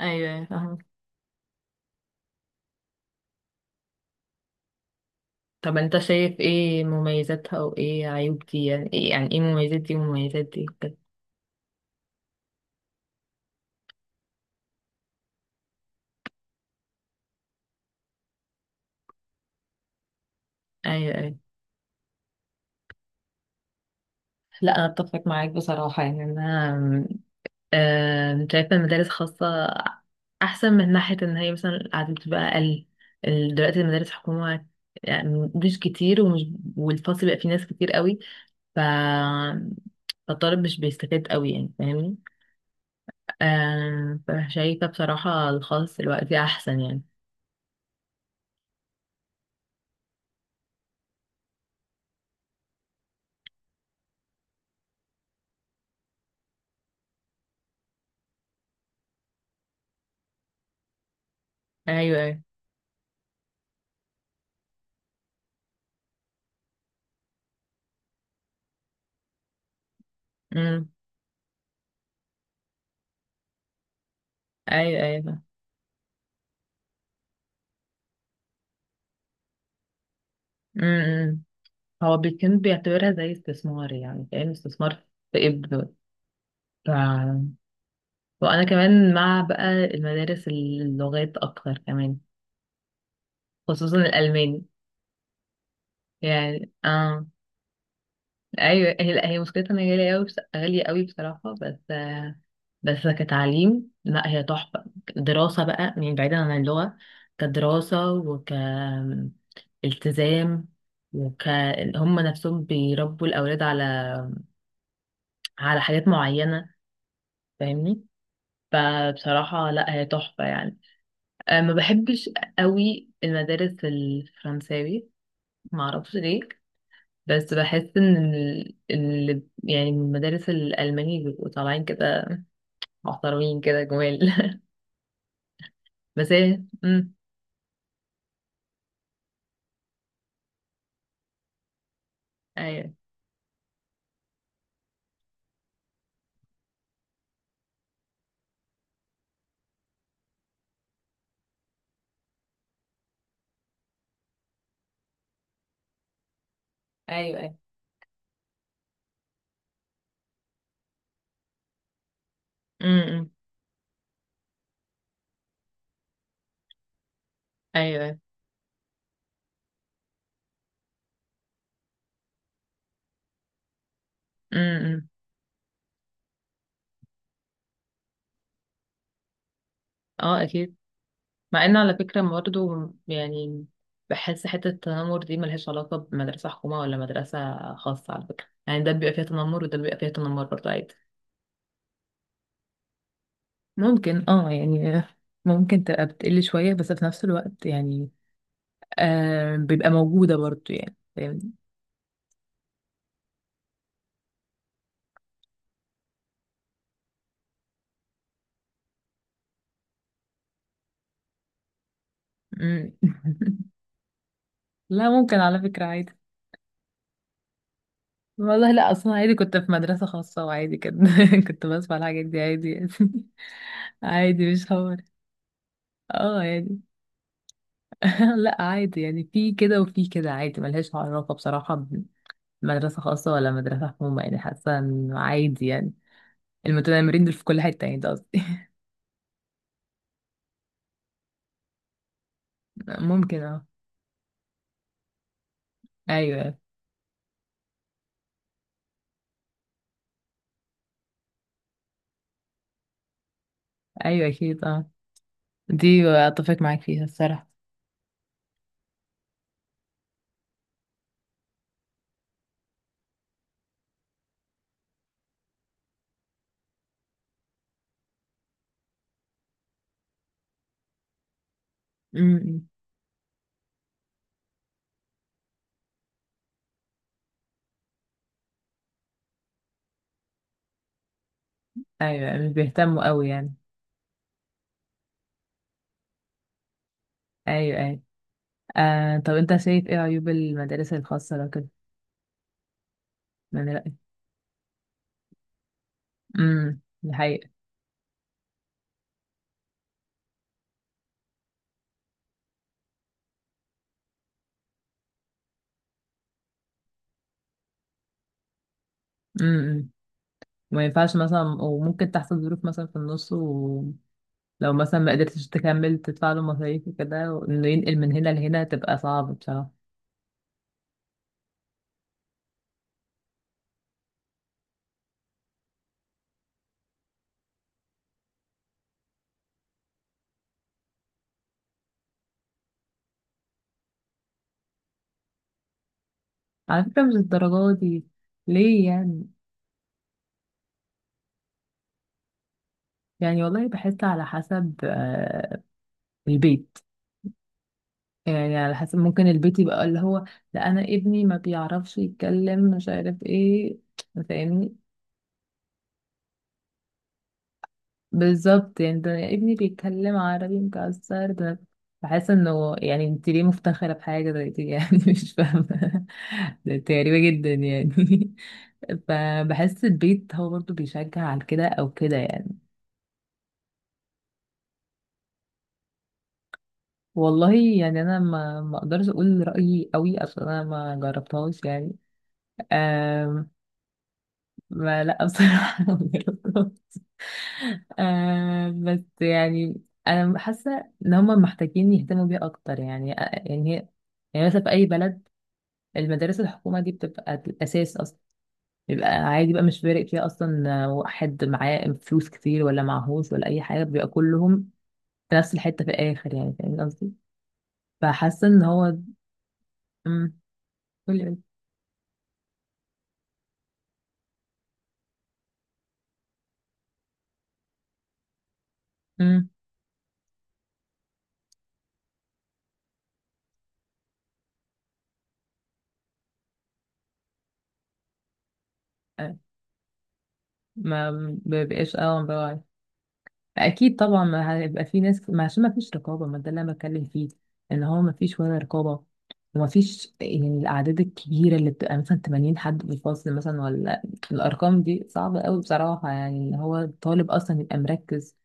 ايوه أيوة، فاهمة. طب انت شايف ايه مميزاتها وايه عيوب دي؟ يعني ايه مميزات دي ومميزات دي وكده. ايوه. لا انا اتفق معاك بصراحة. يعني انا آم، شايفة المدارس خاصة احسن، من ناحية ان هي مثلا القعدة بتبقى اقل. دلوقتي المدارس حكومة يعني مش كتير، والفصل بقى فيه ناس كتير قوي. ف فالطالب مش بيستفاد قوي، يعني فاهمني. فشايفة بصراحة الخاص دلوقتي احسن يعني. ايوه ايوه ايوه ايوه. امم، هو بيكون بيعتبرها زي استثمار، يعني كأنه استثمار في ابنه. ف... وانا كمان مع بقى المدارس اللغات اكتر كمان، خصوصا الالماني. يعني اه ايوه. هي لا، هي مشكلتها ان هي غاليه قوي بصراحه، بس كتعليم لا هي تحفه. دراسه بقى، يعني بعيدا عن اللغه، كدراسه وك التزام وك هم نفسهم بيربوا الأولاد على على حاجات معينة، فاهمني. فبصراحة لا هي تحفة يعني. ما بحبش قوي المدارس الفرنساوي، ما اعرفش ليه. بس بحس ان يعني من المدارس الالماني بيبقوا طالعين كده، محترمين كده جمال بس هي ايوه ايوه ايوه امم ايوه امم اه اكيد. مع ان على فكرة برضه يعني بحس حتة التنمر دي ملهاش علاقة بمدرسة حكومة ولا مدرسة خاصة، على فكرة. يعني ده بيبقى فيها تنمر وده بيبقى فيها تنمر برضه عادي. ممكن اه، يعني ممكن تبقى بتقل شوية، بس في نفس الوقت يعني بيبقى موجودة برضو يعني، فاهمني. مم. لا ممكن على فكرة عادي. والله لا، اصلا عادي. كنت في مدرسة خاصة وعادي كده كنت بسمع الحاجات دي عادي يعني. عادي مش حوار. اه يعني لا عادي، يعني في كده وفي كده عادي. ملهاش علاقة بصراحة بمدرسة خاصة ولا مدرسة حكومة، يعني حاسة انه عادي يعني. المتنمرين دول في كل حتة، يعني ده قصدي. ممكن اه. ايوه ايوه اكيد اه، دي اتفق معاك فيها الصراحة. امم ايوه، مش بيهتموا قوي يعني. ايوه ايوه. طب انت شايف ايه عيوب المدارس الخاصة لو كده، من رأيك؟ دي حقيقة. امم، ما ينفعش مثلا، وممكن تحصل ظروف مثلا في النص، لو مثلا ما قدرتش تكمل تدفع له مصاريف وكده، وانه ينقل من هنا لهنا تبقى صعب بصراحة. على فكرة مش الدرجات دي، ليه يعني؟ والله بحس على حسب البيت، يعني على حسب. ممكن البيت يبقى اللي هو لا انا ابني ما بيعرفش يتكلم مش عارف ايه، فاهمني. بالظبط. يعني ده ابني بيتكلم عربي مكسر ده، بحس انه يعني انت ليه مفتخرة بحاجة زي دي يعني مش فاهمة، ده انت غريبة جدا يعني. فبحس البيت هو برضو بيشجع على كده او كده يعني. والله يعني انا ما اقدرش اقول رأيي قوي، عشان انا ما جربتهاش يعني. أم... ما لا بصراحة ما جربتهاش. بس يعني انا حاسه ان هم محتاجين يهتموا بيها اكتر، يعني هي يعني مثلا في اي بلد المدارس الحكومه دي بتبقى الاساس اصلا. بيبقى عادي بقى، مش فارق فيها اصلا واحد معاه فلوس كتير ولا معهوش ولا اي حاجه، بيبقى كلهم في نفس الحته في الاخر، يعني فاهم قصدي. فحاسه ان هو امم. قولي قولي. امم آه، ما بيبقاش اه. اكيد طبعا، ما هيبقى في ناس. ما عشان ما فيش رقابه، ما ده اللي انا بتكلم فيه، ان هو ما فيش ولا رقابه، وما فيش. يعني الاعداد الكبيره اللي بتبقى مثلا 80 حد في الفصل مثلا، ولا الارقام دي صعبه قوي بصراحه، يعني ان هو الطالب اصلا يبقى مركز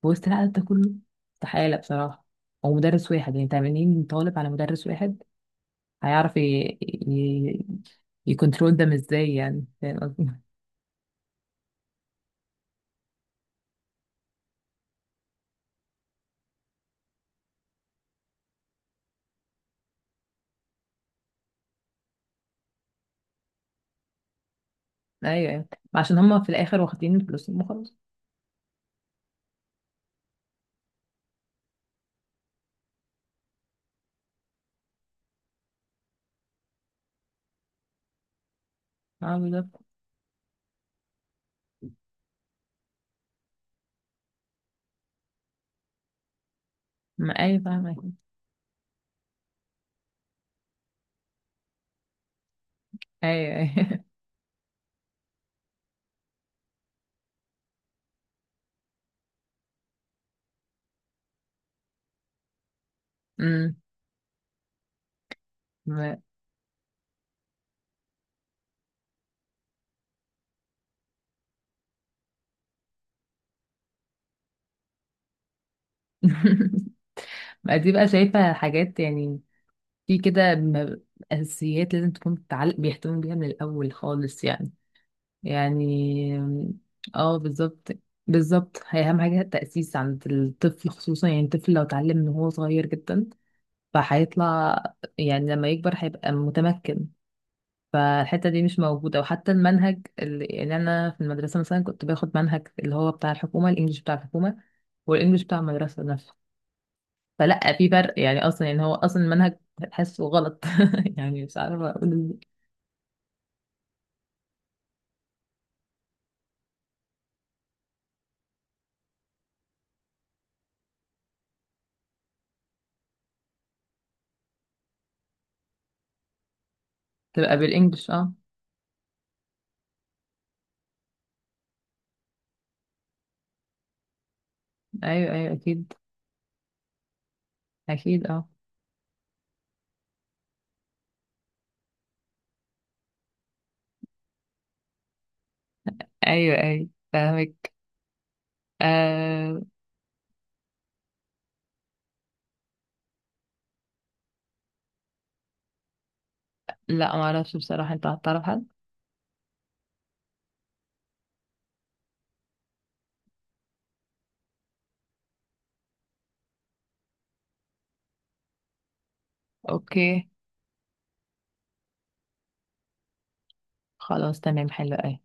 في وسط العدد ده كله استحاله بصراحه. او مدرس واحد يعني 80 طالب على مدرس واحد، هيعرف ي... يكنترول ده ازاي يعني، فاهم قصدي؟ ايوه أيوة. عشان هما في الاخر واخدين فلوسهم وخلاص. اه بالظبط، ما ايوه فاهمة. ايوه ايوه امم. ما ما دي بقى شايفة حاجات يعني، في كده أساسيات لازم تكون بتعلق، بيهتموا بيها من الأول خالص يعني. يعني اه بالظبط. بالظبط، هي أهم حاجة التأسيس عند الطفل خصوصا. يعني الطفل لو اتعلم من هو صغير جدا فهيطلع، يعني لما يكبر هيبقى متمكن. فالحتة دي مش موجودة، وحتى المنهج اللي يعني أنا في المدرسة مثلا كنت باخد منهج اللي هو بتاع الحكومة، الإنجليش بتاع الحكومة والانجليش بتاع المدرسه نفسه، فلا في فرق يعني اصلا. يعني هو اصلا المنهج تحسه غلط يعني مش عارفه اقول إزاي. تبقى بالانجلش اه. ايوه ايوه اكيد. اكيد اه. ايوه ايوه فاهمك. آه لا ما اعرفش بصراحه، انت هتعرف حد؟ اوكي. خلاص تمام، حلو أوي.